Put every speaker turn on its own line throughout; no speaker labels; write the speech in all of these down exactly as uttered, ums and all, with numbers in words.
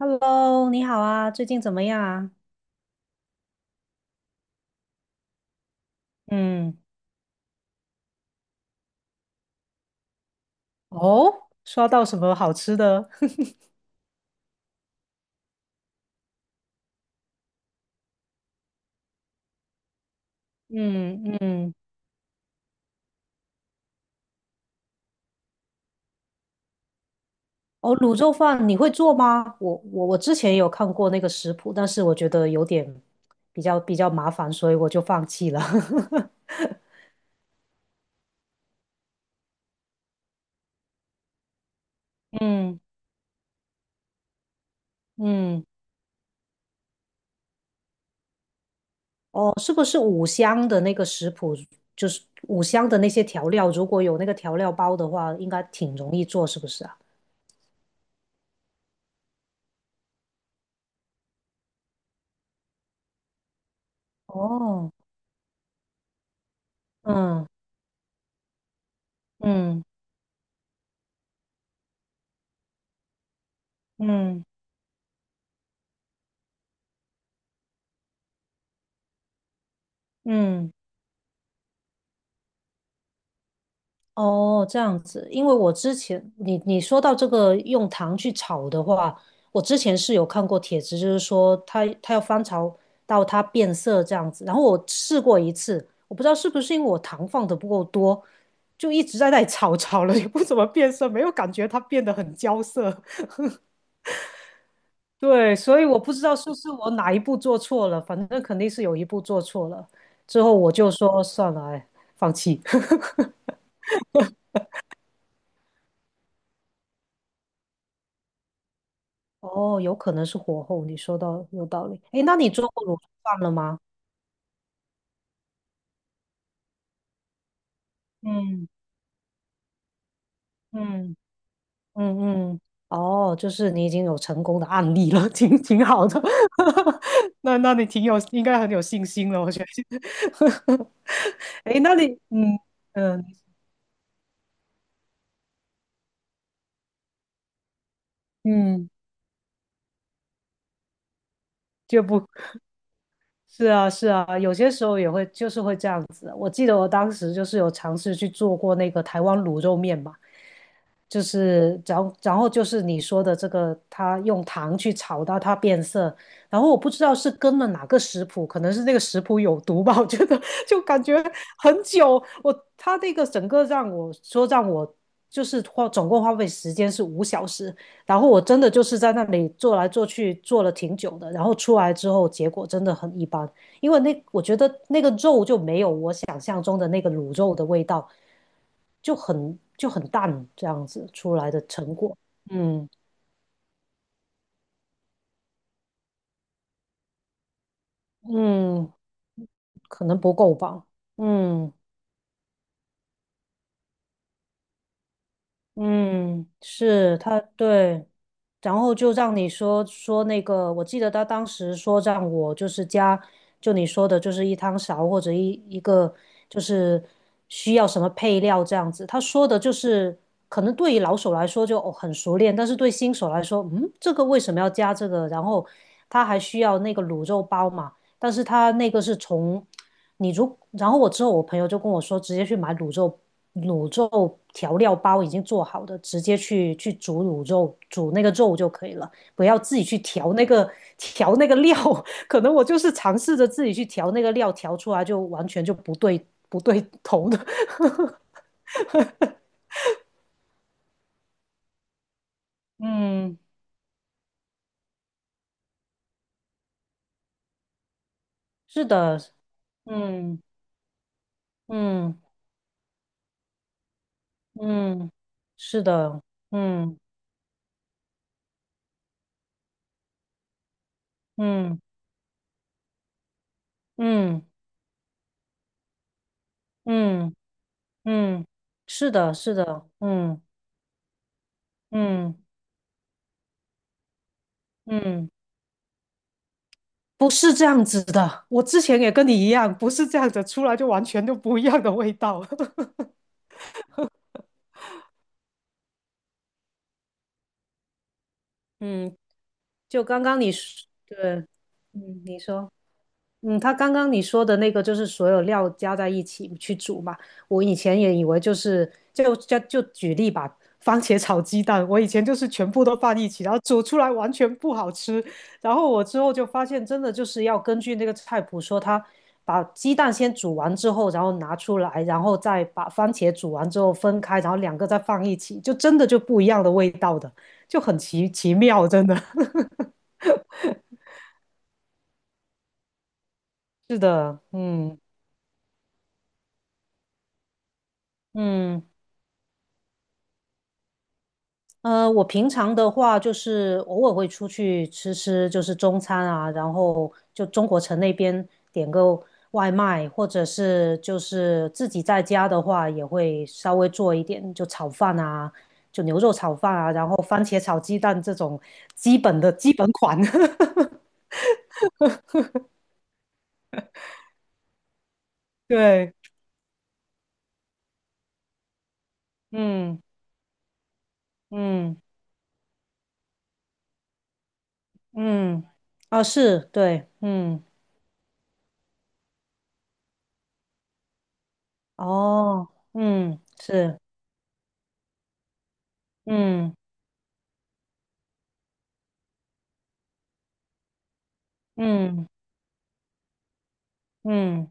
Hello，你好啊，最近怎么样啊？嗯。哦，刷到什么好吃的？嗯嗯。哦，卤肉饭你会做吗？我我我之前有看过那个食谱，但是我觉得有点比较比较麻烦，所以我就放弃了。嗯嗯。哦，是不是五香的那个食谱，就是五香的那些调料，如果有那个调料包的话，应该挺容易做，是不是啊？哦，嗯嗯嗯嗯。哦，这样子。因为我之前你你说到这个用糖去炒的话，我之前是有看过帖子，就是说它它要翻炒到它变色这样子。然后我试过一次，我不知道是不是因为我糖放的不够多，就一直在那里炒 炒了，也不怎么变色，没有感觉它变得很焦色。对，所以我不知道是不是我哪一步做错了，反正肯定是有一步做错了，之后我就说算了，哎，放弃。哦，有可能是火候，你说到有道理。哎，那你做过卤肉饭了吗？嗯嗯，嗯嗯。哦，就是你已经有成功的案例了，挺挺好的。那那你挺有，应该很有信心了，我觉得。哎，那你，嗯嗯嗯，就不。是啊，是啊，有些时候也会就是会这样子。我记得我当时就是有尝试去做过那个台湾卤肉面嘛，就是然后然后就是你说的这个，它用糖去炒到它变色。然后我不知道是跟了哪个食谱，可能是那个食谱有毒吧，我觉得 就感觉很久。我它那个整个让我说让我就是花总共花费时间是五小时。然后我真的就是在那里做来做去，做了挺久的，然后出来之后结果真的很一般，因为那我觉得那个肉就没有我想象中的那个卤肉的味道，就很就很淡这样子出来的成果。嗯嗯，可能不够吧。嗯嗯，是它对。然后就让你说说那个，我记得他当时说让我就是加，就你说的，就是一汤勺或者一一个就是需要什么配料这样子。他说的就是可能对于老手来说就哦很熟练，但是对新手来说，嗯，这个为什么要加这个？然后他还需要那个卤肉包嘛，但是他那个是从你如，然后我之后我朋友就跟我说，直接去买卤肉卤肉调料包已经做好的，直接去去煮卤肉，煮那个肉就可以了，不要自己去调那个调那个料。可能我就是尝试着自己去调那个料，调出来就完全就不对不对头的。嗯，是的，嗯嗯嗯，是的，嗯嗯嗯嗯嗯，是的，是的，嗯嗯嗯。不是这样子的，我之前也跟你一样，不是这样子，出来就完全都不一样的味道。嗯，就刚刚你说，对，嗯，你说。嗯，他刚刚你说的那个就是所有料加在一起去煮嘛。我以前也以为就是就就就举例吧，番茄炒鸡蛋，我以前就是全部都放一起，然后煮出来完全不好吃。然后我之后就发现，真的就是要根据那个菜谱说，他把鸡蛋先煮完之后，然后拿出来，然后再把番茄煮完之后分开，然后两个再放一起，就真的就不一样的味道的，就很奇奇妙，真的。是的，嗯嗯。呃，我平常的话就是偶尔会出去吃吃，就是中餐啊，然后就中国城那边点个外卖，或者是就是自己在家的话也会稍微做一点，就炒饭啊，就牛肉炒饭啊，然后番茄炒鸡蛋这种基本的基本款。对，嗯嗯嗯，啊是，对，嗯，哦，嗯是，嗯嗯嗯。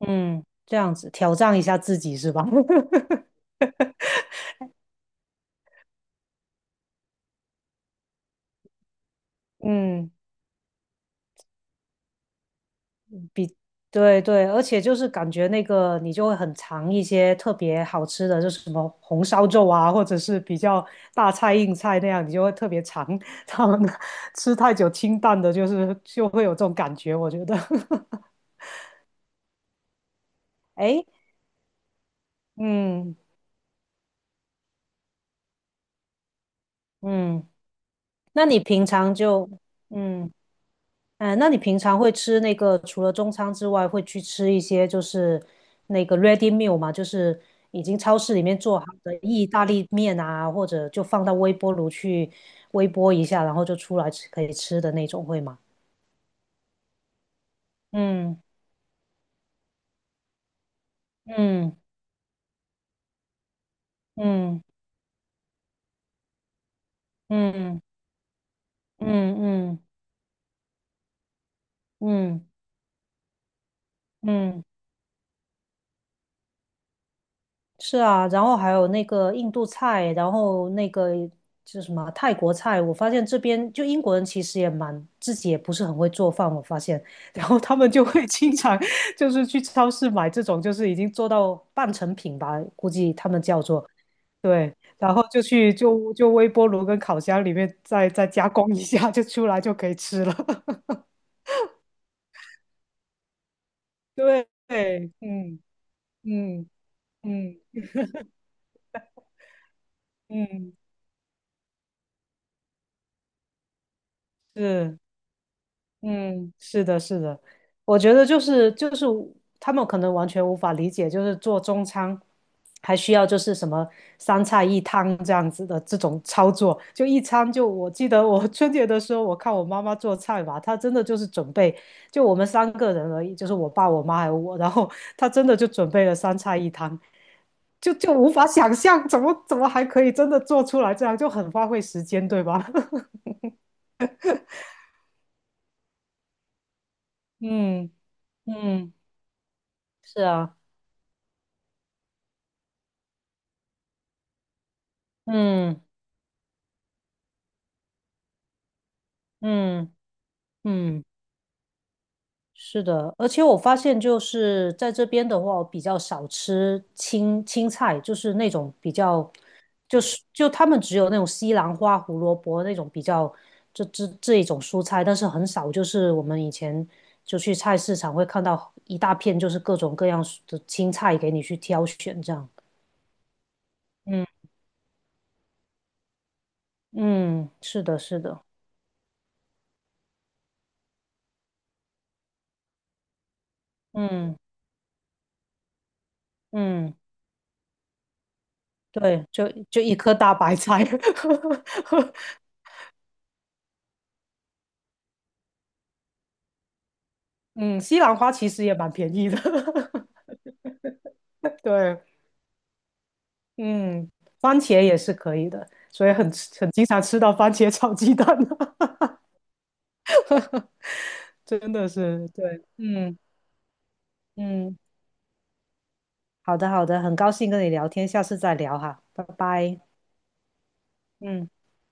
嗯，这样子挑战一下自己是吧？嗯，对对，而且就是感觉那个你就会很尝一些特别好吃的，就是什么红烧肉啊，或者是比较大菜硬菜那样，你就会特别尝。他们吃太久清淡的，就是就会有这种感觉，我觉得。哎，嗯嗯，那你平常就嗯。嗯，那你平常会吃那个除了中餐之外，会去吃一些就是那个 ready meal 嘛，就是已经超市里面做好的意大利面啊，或者就放到微波炉去微波一下，然后就出来吃可以吃的那种，会吗？嗯嗯嗯嗯嗯嗯嗯嗯嗯。嗯嗯是啊，然后还有那个印度菜，然后那个就是什么泰国菜，我发现这边就英国人其实也蛮自己也不是很会做饭，我发现，然后他们就会 经常就是去超市买这种就是已经做到半成品吧，估计他们叫做对，然后就去就就微波炉跟烤箱里面再再加工一下，就出来就可以吃了。对，嗯嗯嗯嗯，是。嗯，是的，是的，我觉得就是就是他们可能完全无法理解，就是做中餐还需要就是什么三菜一汤这样子的这种操作，就一餐就我记得我 春节的时候，我看我妈妈做菜吧，她真的就是准备就我们三个人而已，就是我爸、我妈还有我，然后 她真的就准备了三菜一汤，就就无法想象怎么怎么还可以真的做出来这样，就很花费时间，对吧？嗯嗯，是啊，嗯。嗯嗯，是的，而且我发现就是在这边的话，我比较少吃青青菜，就是那种比较，就是就他们只有那种西兰花、胡萝卜那种比较这这这一种蔬菜，但是很少就是我们以前就去菜市场会看到一大片就是各种各样的青菜给你去挑选这样。嗯嗯，是的，是的，嗯嗯，对，就就一颗大白菜。嗯，西兰花其实也蛮便宜的，对，嗯，番茄也是可以的，所以很吃很经常吃到番茄炒鸡蛋啊，真的是，对，嗯嗯，好的好的，很高兴跟你聊天，下次再聊哈，拜拜，嗯。